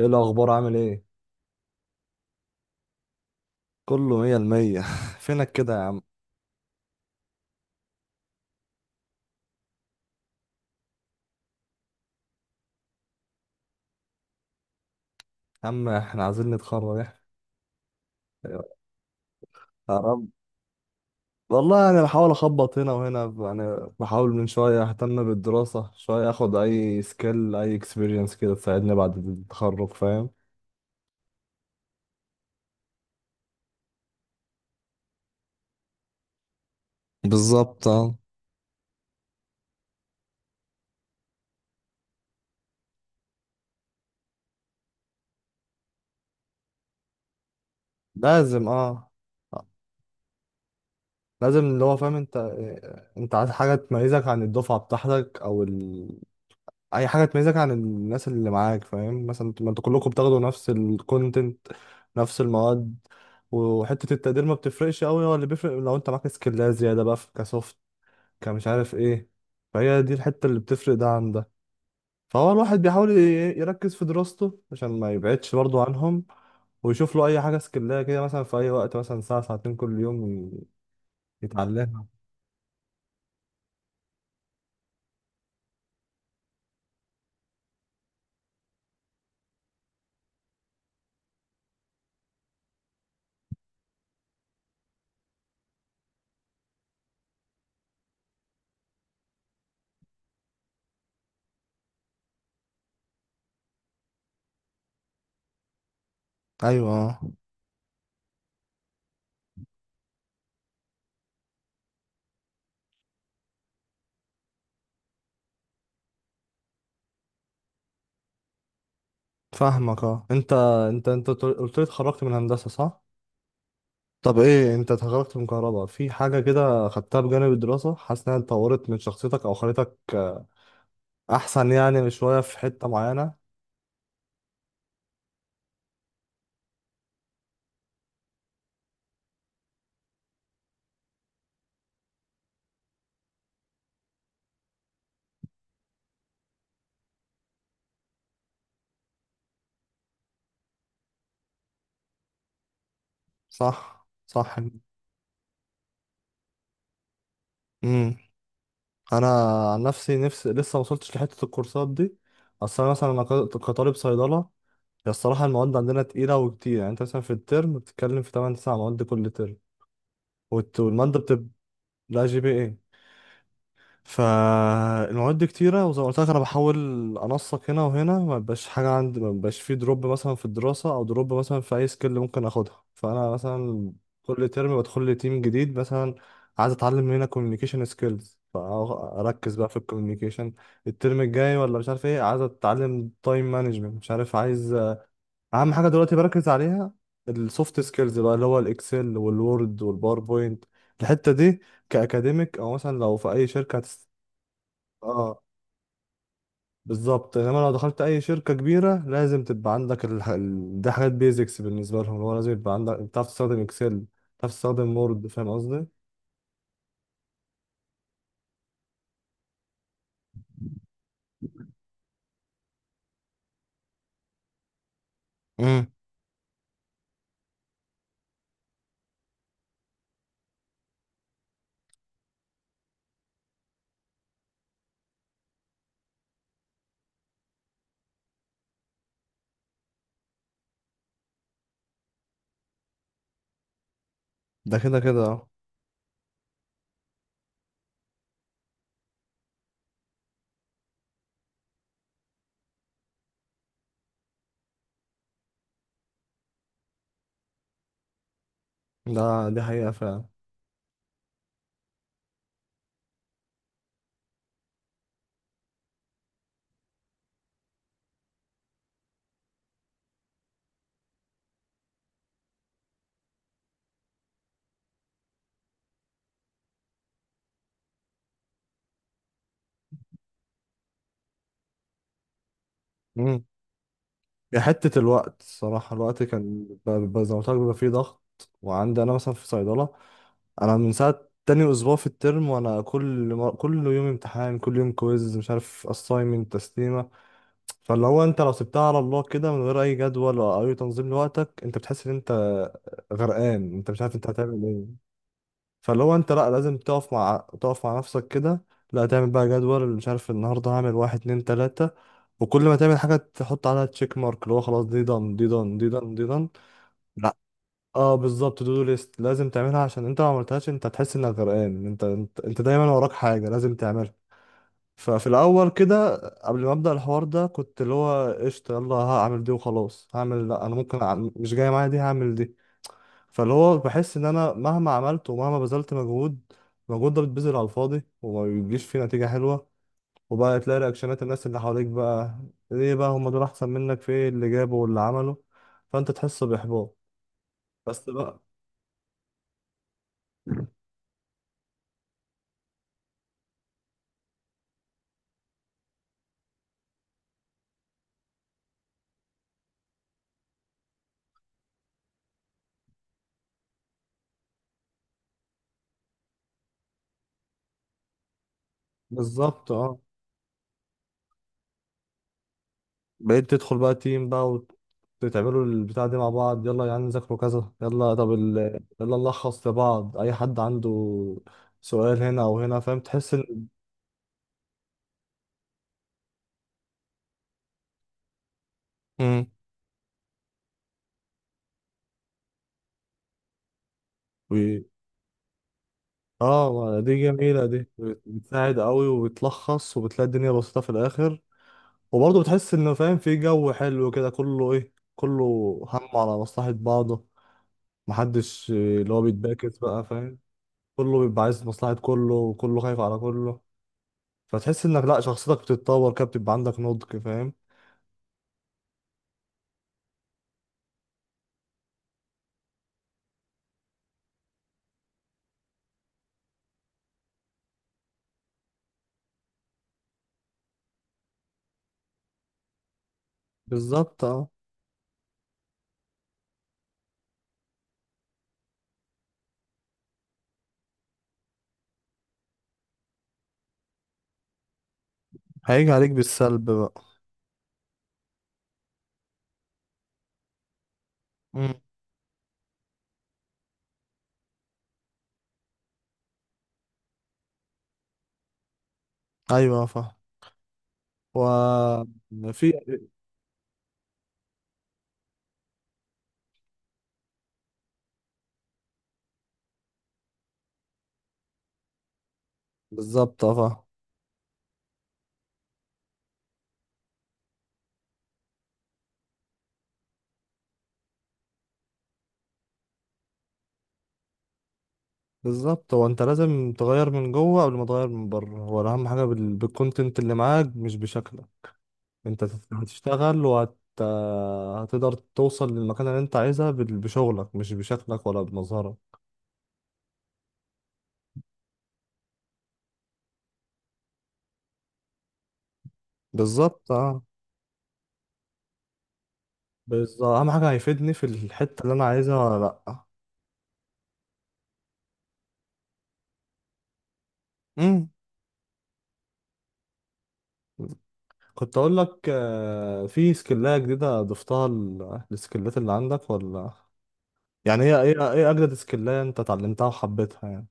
ايه الاخبار؟ عامل ايه؟ كله مية المية. فينك كده يا عم؟ يا عم احنا عايزين نتخرج احنا. يا رب. والله بحاول اخبط هنا وهنا، بحاول من شوية اهتم بالدراسة شوية، اخد اي سكيل اي اكسبيرينس كده تساعدني بعد التخرج. فاهم؟ بالظبط، اه. لازم، اه. لازم اللي هو، فاهم انت؟ انت عايز حاجة تميزك عن الدفعة بتاعتك او اي حاجه تميزك عن الناس اللي معاك، فاهم؟ مثلا ما انتوا كلكم بتاخدوا نفس الكونتنت، نفس المواد، وحته التقدير ما بتفرقش قوي، هو اللي بيفرق لو انت معاك سكيلات زياده بقى في كسوفت كمش عارف ايه. فهي دي الحته اللي بتفرق ده عن ده. فهو الواحد بيحاول يركز في دراسته عشان ما يبعدش برضه عنهم، ويشوف له اي حاجه سكيلات كده، مثلا في اي وقت مثلا ساعه ساعتين كل يوم يتعلمها. ايوه، فاهمك اه. انت قلت لي اتخرجت من هندسه، صح؟ طب ايه انت اتخرجت من كهرباء، في حاجة كده خدتها بجانب الدراسة حاسس انها اتطورت من شخصيتك او خلتك احسن، يعني شوية في حتة معينة؟ صح، صح. امم، انا عن نفسي لسه ما وصلتش لحتة الكورسات دي. اصل انا مثلا انا كطالب صيدلة، هي الصراحة المواد عندنا تقيلة وكتير. يعني انت مثلا في الترم بتتكلم في 8 9 مواد كل ترم، والمادة بتبقى لا جي بي اي. فالمواد دي كتيرة، وزي ما قلت لك أنا بحاول أنسق هنا وهنا، ما بقاش حاجة عندي، ما بقاش في دروب مثلا في الدراسة أو دروب مثلا في أي سكيل ممكن أخدها. فأنا مثلا كل ترم بدخل لي تيم جديد، مثلا عايز أتعلم هنا كوميونيكيشن سكيلز فأركز بقى في الكوميونيكيشن الترم الجاي، ولا مش عارف إيه عايز أتعلم تايم مانجمنت، مش عارف. عايز أهم حاجة دلوقتي بركز عليها السوفت سكيلز بقى، اللي هو الإكسل والوورد والباوربوينت. الحتة دي كأكاديميك أو مثلا لو في أي شركة، اه بالظبط. انما لو دخلت اي شركه كبيره لازم تبقى عندك دي حاجات بيزكس بالنسبه لهم، اللي هو لازم يبقى عندك بتعرف تستخدم اكسل، بتعرف تستخدم وورد، فاهم قصدي؟ امم. ده كده كده اه. ده دي حقيقه فعلا. امم، هي حته الوقت الصراحه، الوقت كان بيبقى زي ما قلت لك بيبقى فيه ضغط. وعندي انا مثلا في صيدله، انا من ساعه تاني اسبوع في الترم وانا كل يوم امتحان كل يوم كويز مش عارف اساينمنت تسليمه. فاللي هو انت لو سبتها على الله كده من غير اي جدول ولا اي تنظيم لوقتك انت بتحس ان انت غرقان، انت مش عارف انت هتعمل ايه. فاللي هو انت لا لازم تقف مع نفسك كده، لا تعمل بقى جدول، مش عارف النهارده هعمل واحد اتنين تلاتة، وكل ما تعمل حاجة تحط عليها تشيك مارك، اللي هو خلاص دي دان دي دان دي دان دي دان. لا اه بالظبط، تو دو ليست لازم تعملها عشان انت لو ما عملتهاش انت هتحس انك غرقان، انت دايما وراك حاجة لازم تعملها. ففي الاول كده قبل ما ابدا الحوار ده كنت اللي هو قشطه يلا هعمل دي وخلاص، هعمل لا انا ممكن أعمل، مش جايه معايا دي هعمل دي. فاللي هو بحس ان انا مهما عملت ومهما بذلت مجهود، المجهود ده بيتبذل على الفاضي وما بيجيش فيه نتيجه حلوه. وبقى تلاقي رياكشنات الناس اللي حواليك بقى ليه بقى هم دول احسن منك، في ايه اللي جابوا واللي عملوا، فانت تحس باحباط. بس بقى، بالظبط اه. بقيت تدخل بقى تيم بقى وتعملوا البتاع دي مع بعض، يلا يا عم نذاكروا كذا، يلا طب يلا نلخص لبعض، اي حد عنده سؤال هنا او هنا، فاهم؟ تحس ان امم و... اه دي جميلة دي، بتساعد قوي وبتلخص، وبتلاقي الدنيا بسيطة في الآخر. وبرضه بتحس إنه فاهم في جو حلو كده، كله إيه كله هم على مصلحة بعضه، محدش آه، اللي هو بيتباكس بقى، فاهم؟ كله بيبقى عايز مصلحة كله وكله خايف على كله. فتحس انك لا شخصيتك بتتطور كده، بتبقى عندك نضج، فاهم؟ بالظبط اه، هيجي عليك بالسلب بقى. مم. ايوه فاهم. وفي بالظبط اه فاهم. بالظبط، هو انت لازم تغير من جوه قبل ما تغير من بره. هو اهم حاجه بالكونتنت اللي معاك مش بشكلك. انت هتشتغل وهت هتقدر توصل للمكان اللي انت عايزها بشغلك، مش بشكلك ولا بمظهرك. بالظبط اه. بالظبط، اهم حاجه هيفيدني في الحته اللي انا عايزها، ولا لا. مم. كنت اقول لك آه، في سكلايه جديده ضفتها للسكلات اللي عندك، ولا يعني هي ايه، ايه اجدد سكلايه انت اتعلمتها وحبيتها يعني؟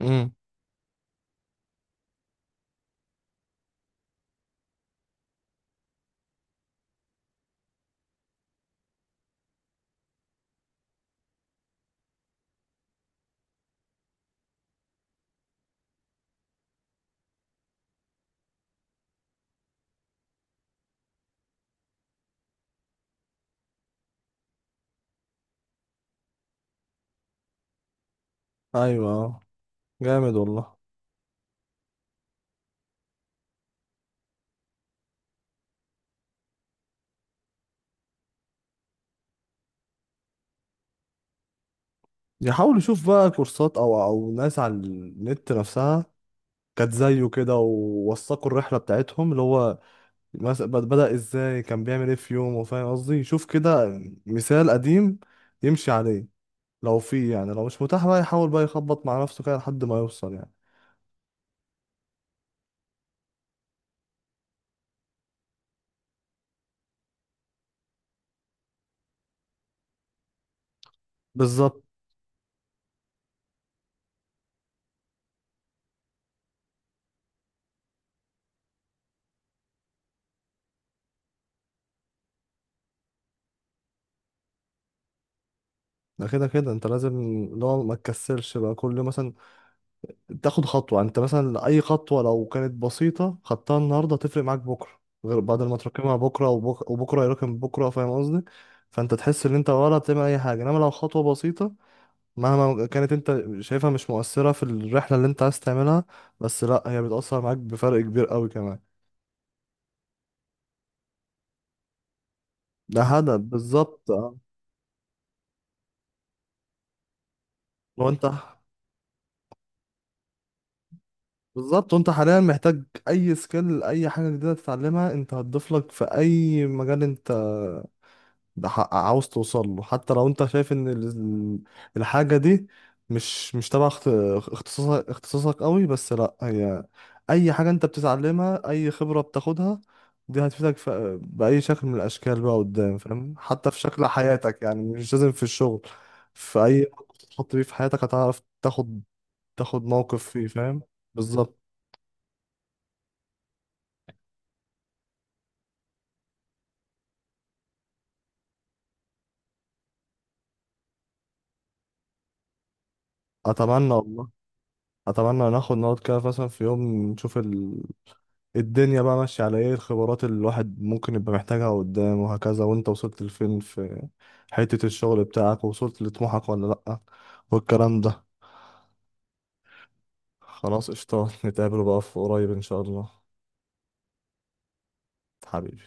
امم، ايوه آه، جامد والله. يحاول يشوف بقى كورسات او او ناس على النت نفسها كانت زيه كده ووثقوا الرحله بتاعتهم، اللي هو بدأ ازاي، كان بيعمل ايه في يومه، فاهم قصدي؟ يشوف كده مثال قديم يمشي عليه. لو في، يعني لو مش متاح بقى يحاول بقى يخبط مع نفسه كده لحد ما يوصل يعني. بالظبط. ده كده كده انت لازم لو ما تكسلش بقى، كل مثلا تاخد خطوة، انت مثلا اي خطوة لو كانت بسيطة خدتها النهاردة تفرق معاك بكرة، غير بعد ما تراكمها بكرة وبكرة يراكم بكرة، فاهم قصدي؟ فانت تحس ان انت ولا بتعمل اي حاجة، انما لو خطوة بسيطة مهما كانت انت شايفها مش مؤثرة في الرحلة اللي انت عايز تعملها، بس لا هي بتأثر معاك بفرق كبير قوي كمان. ده هدف، بالظبط اه. لو انت بالظبط، وانت حاليا محتاج اي سكيل اي حاجه جديده تتعلمها انت هتضيف لك في اي مجال انت عاوز توصل له. حتى لو انت شايف ان الحاجه دي مش تبع اختصاصك قوي، بس لا هي اي حاجه انت بتتعلمها اي خبره بتاخدها دي هتفيدك في باي شكل من الاشكال بقى قدام، فاهم؟ حتى في شكل حياتك، يعني مش لازم في الشغل. في اي موقف تتحط فيه في حياتك هتعرف تاخد موقف فيه، فاهم؟ بالظبط. اتمنى والله. اتمنى ناخد نقعد كده مثلا في يوم، نشوف الدنيا بقى ماشيه على ايه، الخبرات اللي الواحد ممكن يبقى محتاجها قدام وهكذا، وانت وصلت لفين في حته الشغل بتاعك، ووصلت لطموحك ولا لا، والكلام ده. خلاص قشطه، نتقابل بقى في قريب ان شاء الله. حبيبي.